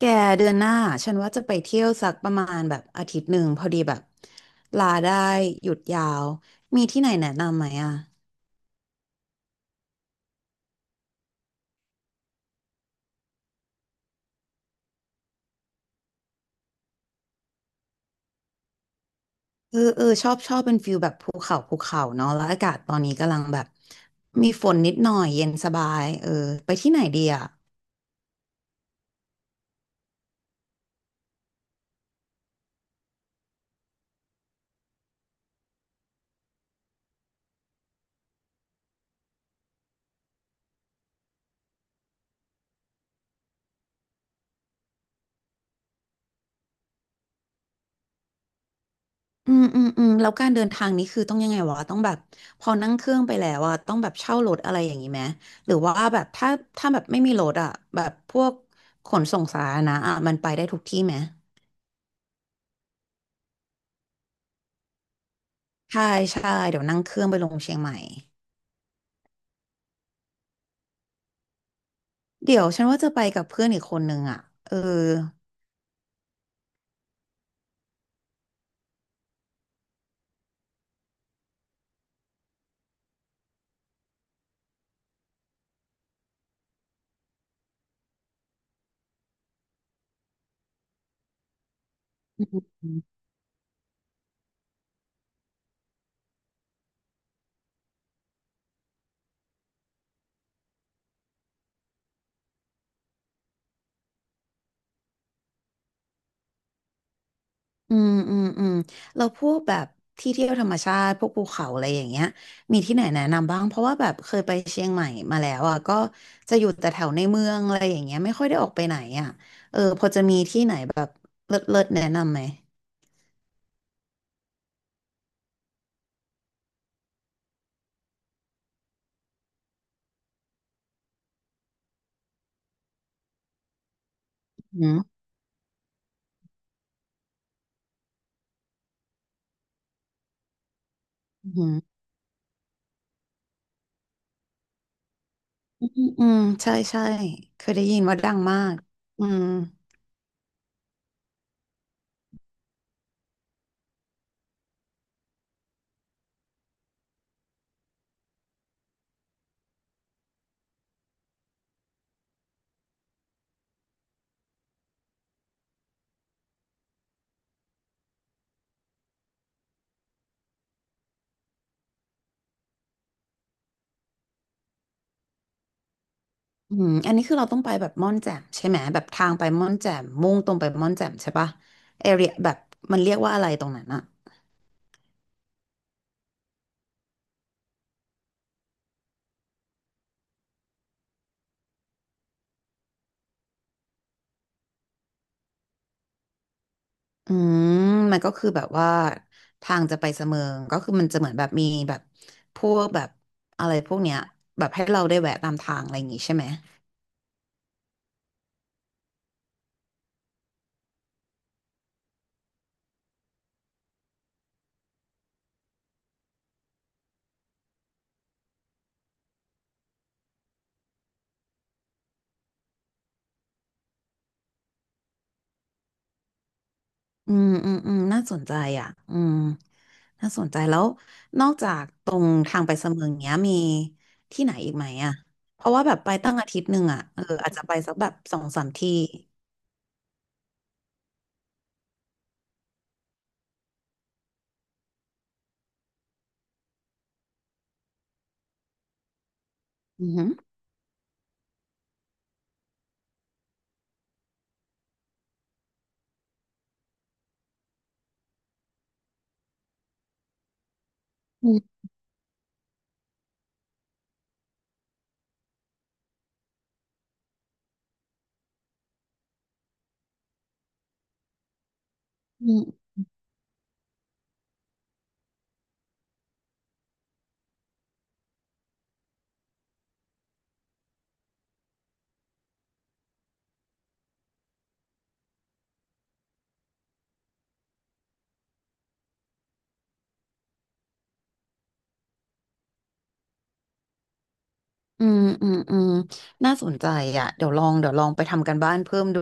แกเดือนหน้าฉันว่าจะไปเที่ยวสักประมาณแบบอาทิตย์หนึ่งพอดีแบบลาได้หยุดยาวมีที่ไหนแนะนำไหมอ่ะเอเออชอบชอบเป็นฟิลแบบภูเขาภูเขาเนาะแล้วอากาศตอนนี้กำลังแบบมีฝนนิดหน่อยเย็นสบายเออไปที่ไหนดีอ่ะอืมอืมอืมแล้วการเดินทางนี้คือต้องยังไงวะต้องแบบพอนั่งเครื่องไปแล้วอ่ะต้องแบบเช่ารถอะไรอย่างนี้ไหมหรือว่าแบบถ้าแบบไม่มีรถอ่ะแบบพวกขนส่งสาธารณะอ่ะมันไปได้ทุกที่ไหม ใช่ใช่เดี๋ยวนั่งเครื่องไปลงเชียงใหม่เดี๋ยวฉันว่าจะไปกับเพื่อนอีกคนนึงอ่ะเอออืมอืมอืมเราพวกแบบที่เที่ยวธรรมชาติพวกภูเขาอะไรอย่างเงี้ยมีที่ไหนแนะนำบ้างเพราะว่าแบบเคยไปเชียงใหม่มาแล้วอ่ะก็จะอยู่แต่แถวในเมืองอะไรอย่างเงี้ยไม่ค่อยได้ออกไปไหนอ่ะเออพอจะมีที่ไหนแบบเลิศเลิศแนะนำไหมอืมอืมอืมอืมใช่ใช่เคยได้ยินว่าดังมากอืม อืมอันนี้คือเราต้องไปแบบม่อนแจ่มใช่ไหมแบบทางไปม่อนแจ่มมุ่งตรงไปม่อนแจ่มใช่ปะเอเรียแบบมันเรียกว่าอะไรตรงนั้นอะอืมมันก็คือแบบว่าทางจะไปเสมิงก็คือมันจะเหมือนแบบมีแบบพวกแบบอะไรพวกเนี้ยแบบให้เราได้แวะตามทางอะไรอย่างงี้ใช่ไหมอืมอืมอืมน่าสนใจอ่ะอืมน่าสนใจแล้วนอกจากตรงทางไปเสมิงเนี้ยมีที่ไหนอีกไหมอะเพราะว่าแบบไปตั้งอาทิตย์หนึ่งอะเอออาจจะไปสักแบบสองสามที่อืม อืมอืมอืมอืมอืมน่าสนใจอ่ะเดี๋ยวลองเดี๋ยวลองไปทำกันบ้านเพิ่มดู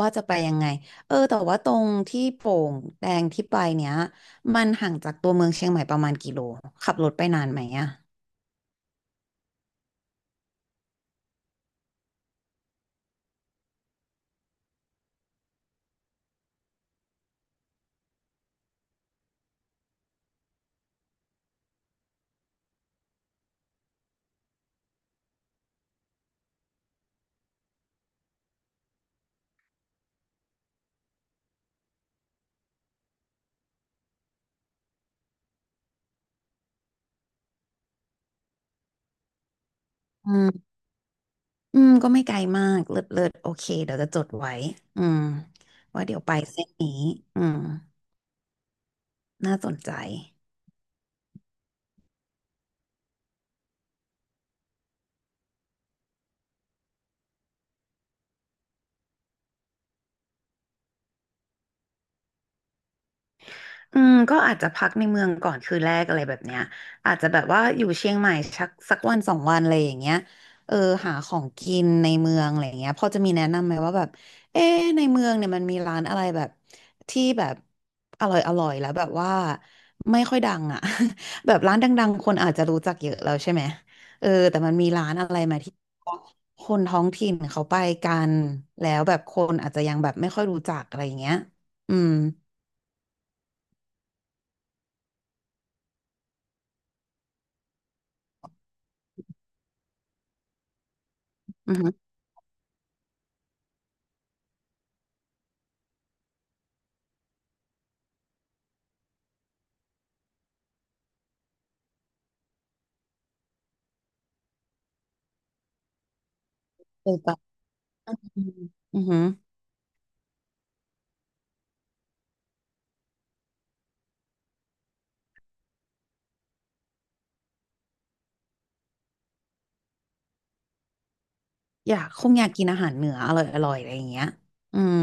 ว่าจะไปยังไง เออ แต่ว่าตรงที่โป่งแดงที่ไปเนี้ยมันห่างจากตัวเมืองเชียงใหม่ประมาณกี่โล ขับรถไปนานไหมอ่ะอืมอืม ก็ไม่ไกลมากเลิศเลิศโอเคเดี๋ยวจะจดไว้อืมว่าเดี๋ยวไปเส้นนี้อืมน่าสนใจ อืมก็อาจจะพักในเมืองก่อนคืนแรกอะไรแบบเนี้ยอาจจะแบบว่าอยู่เชียงใหม่สักสักวันสองวันอะไรอย่างเงี้ยเออหาของกินในเมืองอะไรอย่างเงี้ยพอจะมีแนะนำไหมว่าแบบเอ๊ะในเมืองเนี่ยมันมีร้านอะไรแบบที่แบบอร่อยอร่อยแล้วแบบว่าไม่ค่อยดังอ่ะ แบบร้านดังๆคนอาจจะรู้จักเยอะแล้วใช่ไหมเออแต่มันมีร้านอะไรไหมาที่คนท้องถิ่นเขาไปกันแล้วแบบคนอาจจะยังแบบไม่ค่อยรู้จักอะไรอย่างเงี้ยอืมอือฮึเคยไป อืมอือหืออยากคงอยากกินอาหารเหนืออร่อยอร่อยอะไรอย่างเงี้ยอืม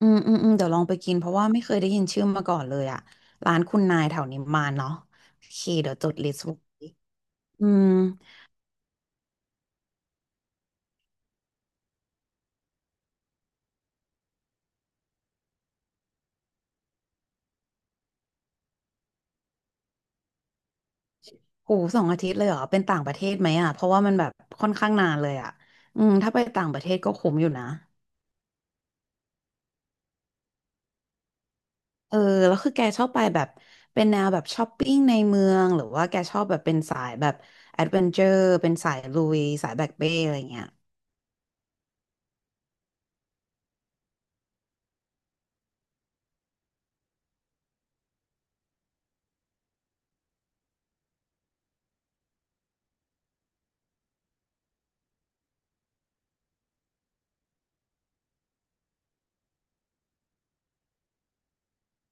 อืมอืมอืมเดี๋ยวลองไปกินเพราะว่าไม่เคยได้ยินชื่อมาก่อนเลยอะร้านคุณนายแถวนิมมานเนาะโอเคเดี๋ยวจดลิสต์ไว้อืมโหสองอาทิตย์เลยเหรอเป็นต่างประเทศไหมอะเพราะว่ามันแบบค่อนข้างนานเลยอะอืมถ้าไปต่างประเทศก็คุ้มอยู่นะเออแล้วคือแกชอบไปแบบเป็นแนวแบบช้อปปิ้งในเมืองหรือว่าแกชอบแบบเป็นสายแบบแอดเวนเจอร์เป็นสายลุยสายแบ็คเป้อะไรเงี้ย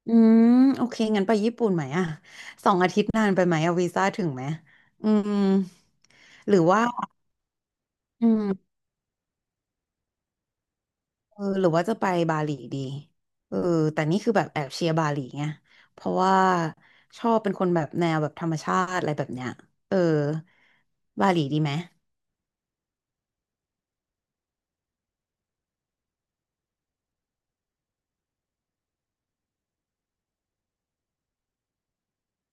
อืมโอเคงั้นไปญี่ปุ่นไหมอะสองอาทิตย์นานไปไหมอะวีซ่าถึงไหมอืมหรือว่าอืมเออหรือว่าจะไปบาหลีดีเออแต่นี่คือแบบแอบเชียร์บาหลีไงเพราะว่าชอบเป็นคนแบบแนวแบบธรรมชาติอะไรแบบเนี้ยเออบาหลีดีไหม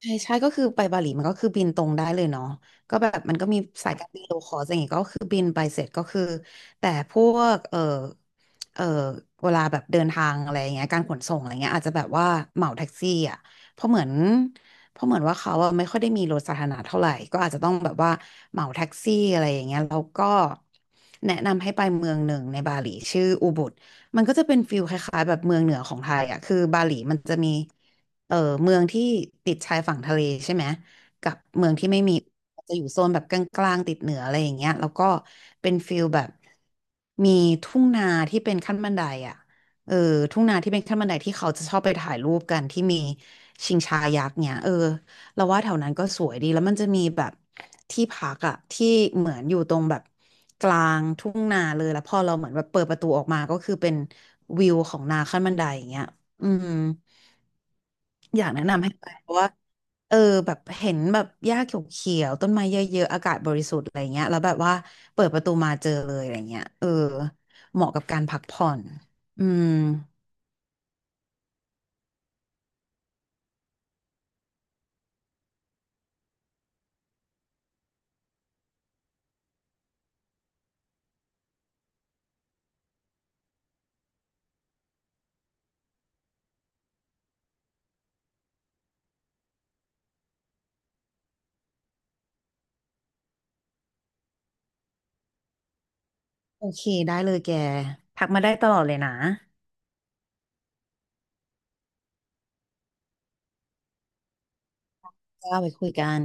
ใช่ใช่ก็คือไปบาหลีมันก็คือบินตรงได้เลยเนาะก็แบบมันก็มีสายการบินโลคอสอย่างงี้ก็คือบินไปเสร็จก็คือแต่พวกเออเวลาแบบเดินทางอะไรอย่างเงี้ยการขนส่งอะไรเงี้ยอาจจะแบบว่าเหมาแท็กซี่อ่ะเพราะเหมือนเพราะเหมือนว่าเขาอะไม่ค่อยได้มีรถสาธารณะเท่าไหร่ก็อาจจะต้องแบบว่าเหมาแท็กซี่อะไรอย่างเงี้ยแล้วก็แนะนำให้ไปเมืองหนึ่งในบาหลีชื่ออูบุดมันก็จะเป็นฟิลคล้ายๆแบบเมืองเหนือของไทยอ่ะคือบาหลีมันจะมี เออเมืองที่ติดชายฝั่งทะเลใช่ไหมกับเมืองที่ไม่มีจะอยู่โซนแบบกลางๆติดเหนืออะไรอย่างเงี้ยแล้วก็เป็นฟิลแบบมีทุ่งนาที่เป็นขั้นบันไดอ่ะเออทุ่งนาที่เป็นขั้นบันไดที่เขาจะชอบไปถ่ายรูปกันที่มีชิงช้ายักษ์เนี่ยเออเราว่าแถวนั้นก็สวยดีแล้วมันจะมีแบบที่พักอ่ะที่เหมือนอยู่ตรงแบบกลางทุ่งนาเลยแล้วพอเราเหมือนแบบเปิดประตูออกมาก็คือเป็นวิวของนาขั้นบันไดอย่างเงี้ยอืม อยากแนะนำให้ไปเพราะว่าเออแบบเห็นแบบหญ้าเขียวๆต้นไม้เยอะๆอากาศบริสุทธิ์อะไรเงี้ยแล้วแบบว่าเปิดประตูมาเจอเลยอะไรเงี้ยเออเหมาะกับการพักผ่อนอืมโอเคได้เลยแกทักมาได้ตลอดเลยนะจ้าไปคุยกัน